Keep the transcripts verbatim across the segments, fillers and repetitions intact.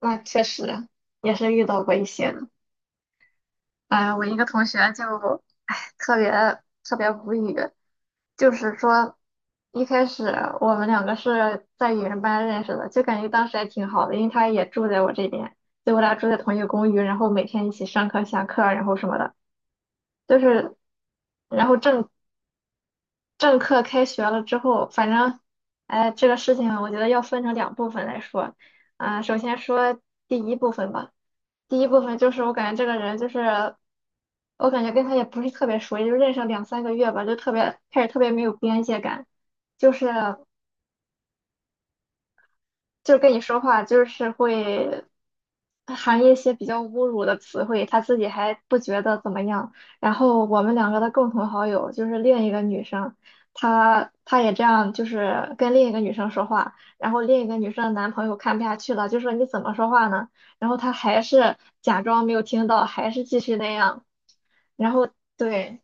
那确实也是遇到过一些的。哎，我一个同学就，哎，特别特别无语。就是说，一开始我们两个是在语言班认识的，就感觉当时还挺好的，因为他也住在我这边，就我俩住在同一个公寓，然后每天一起上课、下课，然后什么的，就是，然后正正课开学了之后，反正，哎，这个事情我觉得要分成两部分来说，啊、首先说第一部分吧。第一部分就是我感觉这个人就是，我感觉跟他也不是特别熟，也就认识了两三个月吧，就特别开始特别没有边界感，就是就跟你说话就是会含一些比较侮辱的词汇，他自己还不觉得怎么样。然后我们两个的共同好友就是另一个女生，她她也这样，就是跟另一个女生说话，然后另一个女生的男朋友看不下去了，就说你怎么说话呢？然后她还是假装没有听到，还是继续那样。对，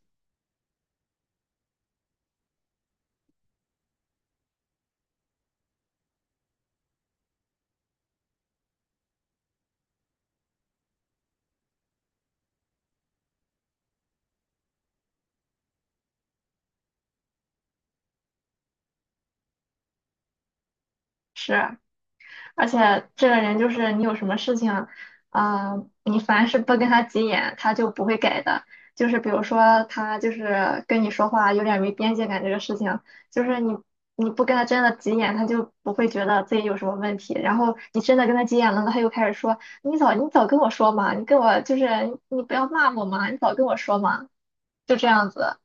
是。而且这个人就是你有什么事情，啊、你凡是不跟他急眼，他就不会改的。就是比如说他就是跟你说话有点没边界感这个事情，就是你你不跟他真的急眼，他就不会觉得自己有什么问题。然后你真的跟他急眼了，他又开始说你早你早跟我说嘛，你跟我就是你不要骂我嘛，你早跟我说嘛，就这样子。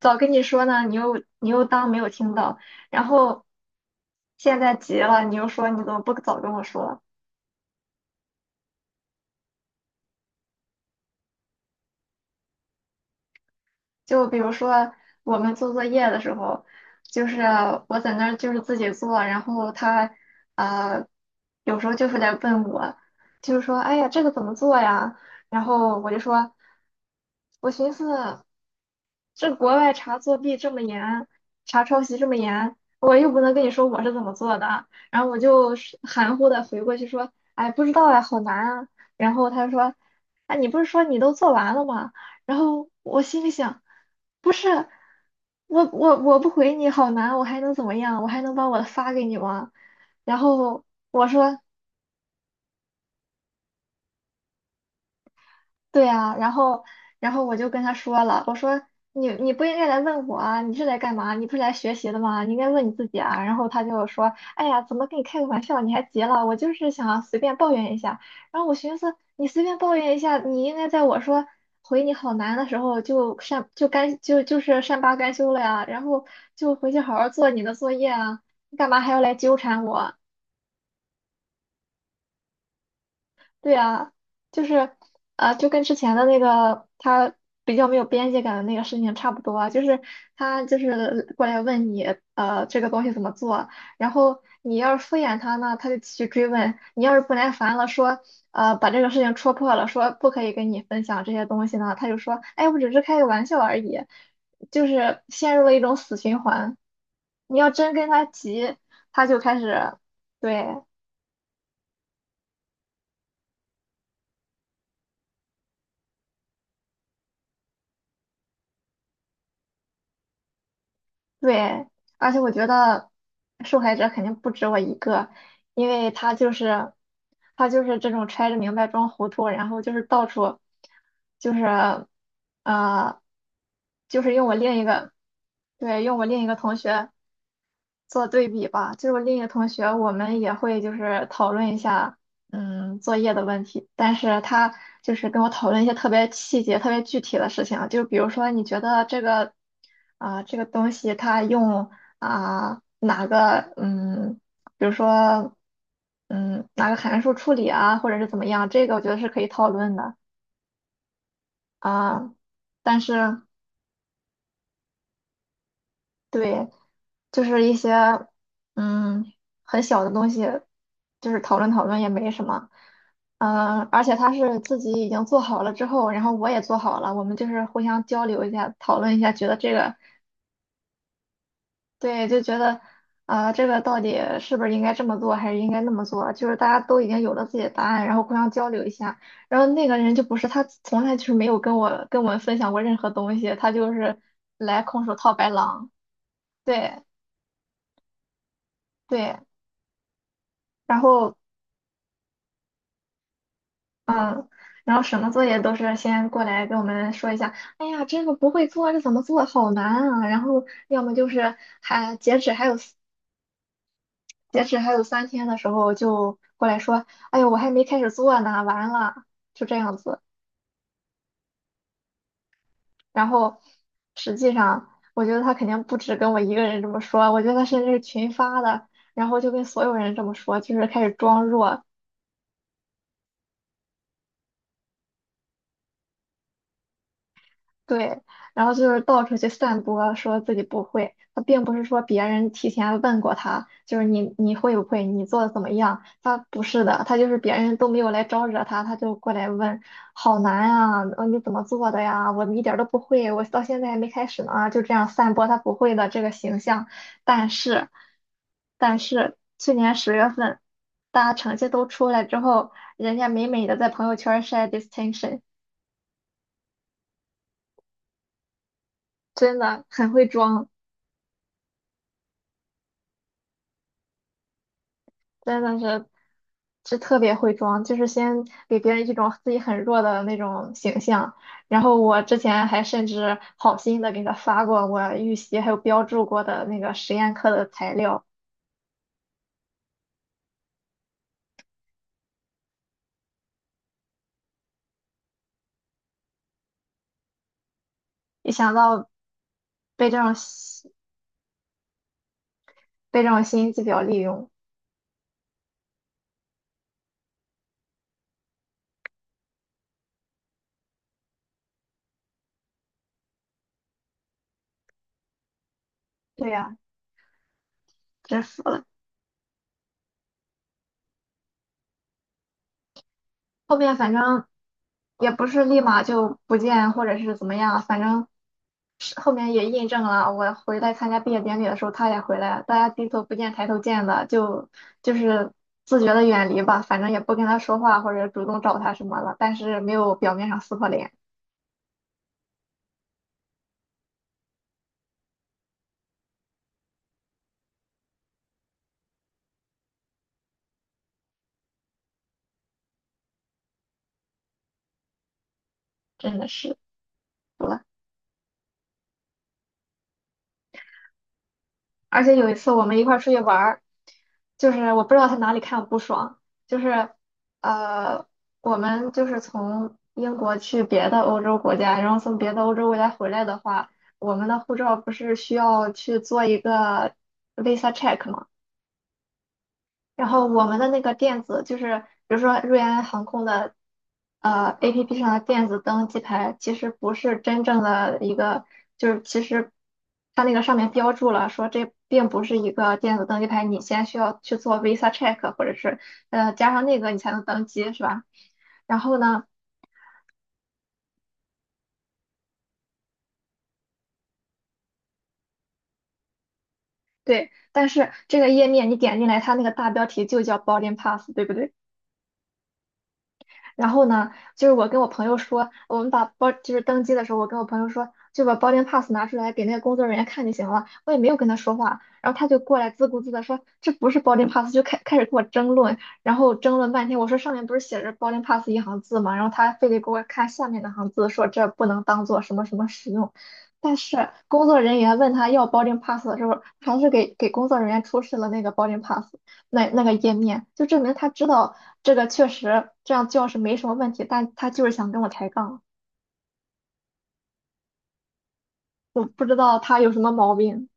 早跟你说呢，你又你又当没有听到，然后现在急了，你又说你怎么不早跟我说？就比如说我们做作业的时候，就是我在那儿就是自己做，然后他呃有时候就是来问我，就是说哎呀这个怎么做呀？然后我就说，我寻思。这国外查作弊这么严，查抄袭这么严，我又不能跟你说我是怎么做的。然后我就是含糊的回过去说，哎，不知道哎，好难啊。然后他说，哎，你不是说你都做完了吗？然后我心里想，不是，我我我不回你好难，我还能怎么样？我还能把我的发给你吗？然后我说。对啊，然后然后我就跟他说了，我说你你不应该来问我啊，你是来干嘛？你不是来学习的吗？你应该问你自己啊。然后他就说，哎呀，怎么跟你开个玩笑？你还急了？我就是想随便抱怨一下。然后我寻思，你随便抱怨一下，你应该在我说回你好难的时候就善就甘就就是善罢甘休了呀，然后就回去好好做你的作业啊，你干嘛还要来纠缠我？对啊，就是啊，就跟之前的那个他比较没有边界感的那个事情差不多啊就是他就是过来问你，呃，这个东西怎么做，然后你要是敷衍他呢，他就继续追问；你要是不耐烦了，说，呃，把这个事情戳破了，说不可以跟你分享这些东西呢，他就说，哎，我只是开个玩笑而已，就是陷入了一种死循环。你要真跟他急，他就开始，对。对，而且我觉得受害者肯定不止我一个，因为他就是他就是这种揣着明白装糊涂，然后就是到处就是呃，就是用我另一个对，用我另一个同学。做对比吧，就是我另一个同学，我们也会就是讨论一下，嗯，作业的问题，但是他就是跟我讨论一些特别细节、特别具体的事情，就比如说你觉得这个，啊、这个东西它用啊、哪个，嗯，比如说，嗯，哪个函数处理啊，或者是怎么样，这个我觉得是可以讨论的啊、但是。对，就是一些嗯很小的东西，就是讨论讨论也没什么。嗯，而且他是自己已经做好了之后，然后我也做好了，我们就是互相交流一下，讨论一下，觉得这个对，就觉得啊、这个到底是不是应该这么做，还是应该那么做？就是大家都已经有了自己的答案，然后互相交流一下。然后那个人就不是他，从来就是没有跟我跟我们分享过任何东西，他就是来空手套白狼。对对，然后。然后什么作业都是先过来跟我们说一下，哎呀，这个不会做，这怎么做，好难啊！然后要么就是还截止还有四截止还有三天的时候就过来说，哎呦，我还没开始做呢，完了，就这样子。然后实际上，我觉得他肯定不止跟我一个人这么说，我觉得他甚至是群发的，然后就跟所有人这么说，就是开始装弱，对，然后就是到处去散播，说自己不会。他并不是说别人提前问过他，就是你你会不会，你做的怎么样？他不是的，他就是别人都没有来招惹他，他就过来问，好难啊，呃你怎么做的呀？我一点儿都不会，我到现在还没开始呢啊，就这样散播他不会的这个形象。但是，但是去年十月份，大家成绩都出来之后，人家美美的在朋友圈晒 distinction，真的很会装。真的是是特别会装，就是先给别人一种自己很弱的那种形象。然后我之前还甚至好心的给他发过我预习还有标注过的那个实验课的材料，一想到被这种心被这种心机婊利用，对呀，真服了。后面反正也不是立马就不见或者是怎么样，反正是后面也印证了，我回来参加毕业典礼的时候，他也回来了，大家低头不见抬头见的，就就是自觉的远离吧，反正也不跟他说话或者主动找他什么了，但是没有表面上撕破脸，真的是服了。而且有一次我们一块儿出去玩儿，就是我不知道他哪里看我不爽，就是呃，我们就是从英国去别的欧洲国家，然后从别的欧洲国家回来的话，我们的护照不是需要去做一个 visa check 吗？然后我们的那个电子就是，比如说瑞安航空的呃 A P P 上的电子登机牌，其实不是真正的一个，就是其实它那个上面标注了说这并不是一个电子登机牌，你先需要去做 Visa check 或者是呃加上那个你才能登机，是吧？然后呢，对，但是这个页面你点进来，它那个大标题就叫 boarding pass，对不对？然后呢，就是我跟我朋友说，我们把包就是登机的时候，我跟我朋友说，就把 boarding pass 拿出来给那个工作人员看就行了。我也没有跟他说话，然后他就过来自顾自的说这不是 boarding pass，就开开始跟我争论，然后争论半天。我说上面不是写着 boarding pass 一行字吗？然后他非得给我看下面那行字，说这不能当做什么什么使用。但是工作人员问他要 boarding pass 的时候，还是给给工作人员出示了那个 boarding pass。那那个页面，就证明他知道这个确实这样叫是没什么问题，但他就是想跟我抬杠，我不知道他有什么毛病，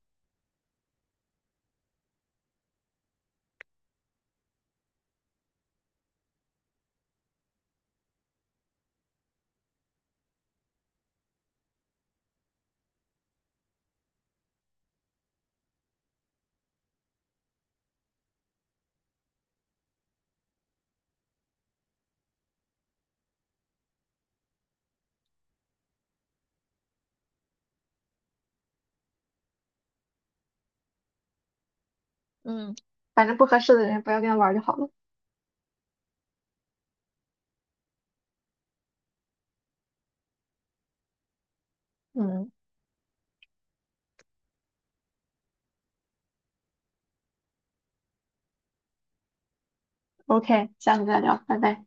嗯，反正不合适的人不要跟他玩儿就好了，嗯，OK，下次再聊，拜拜。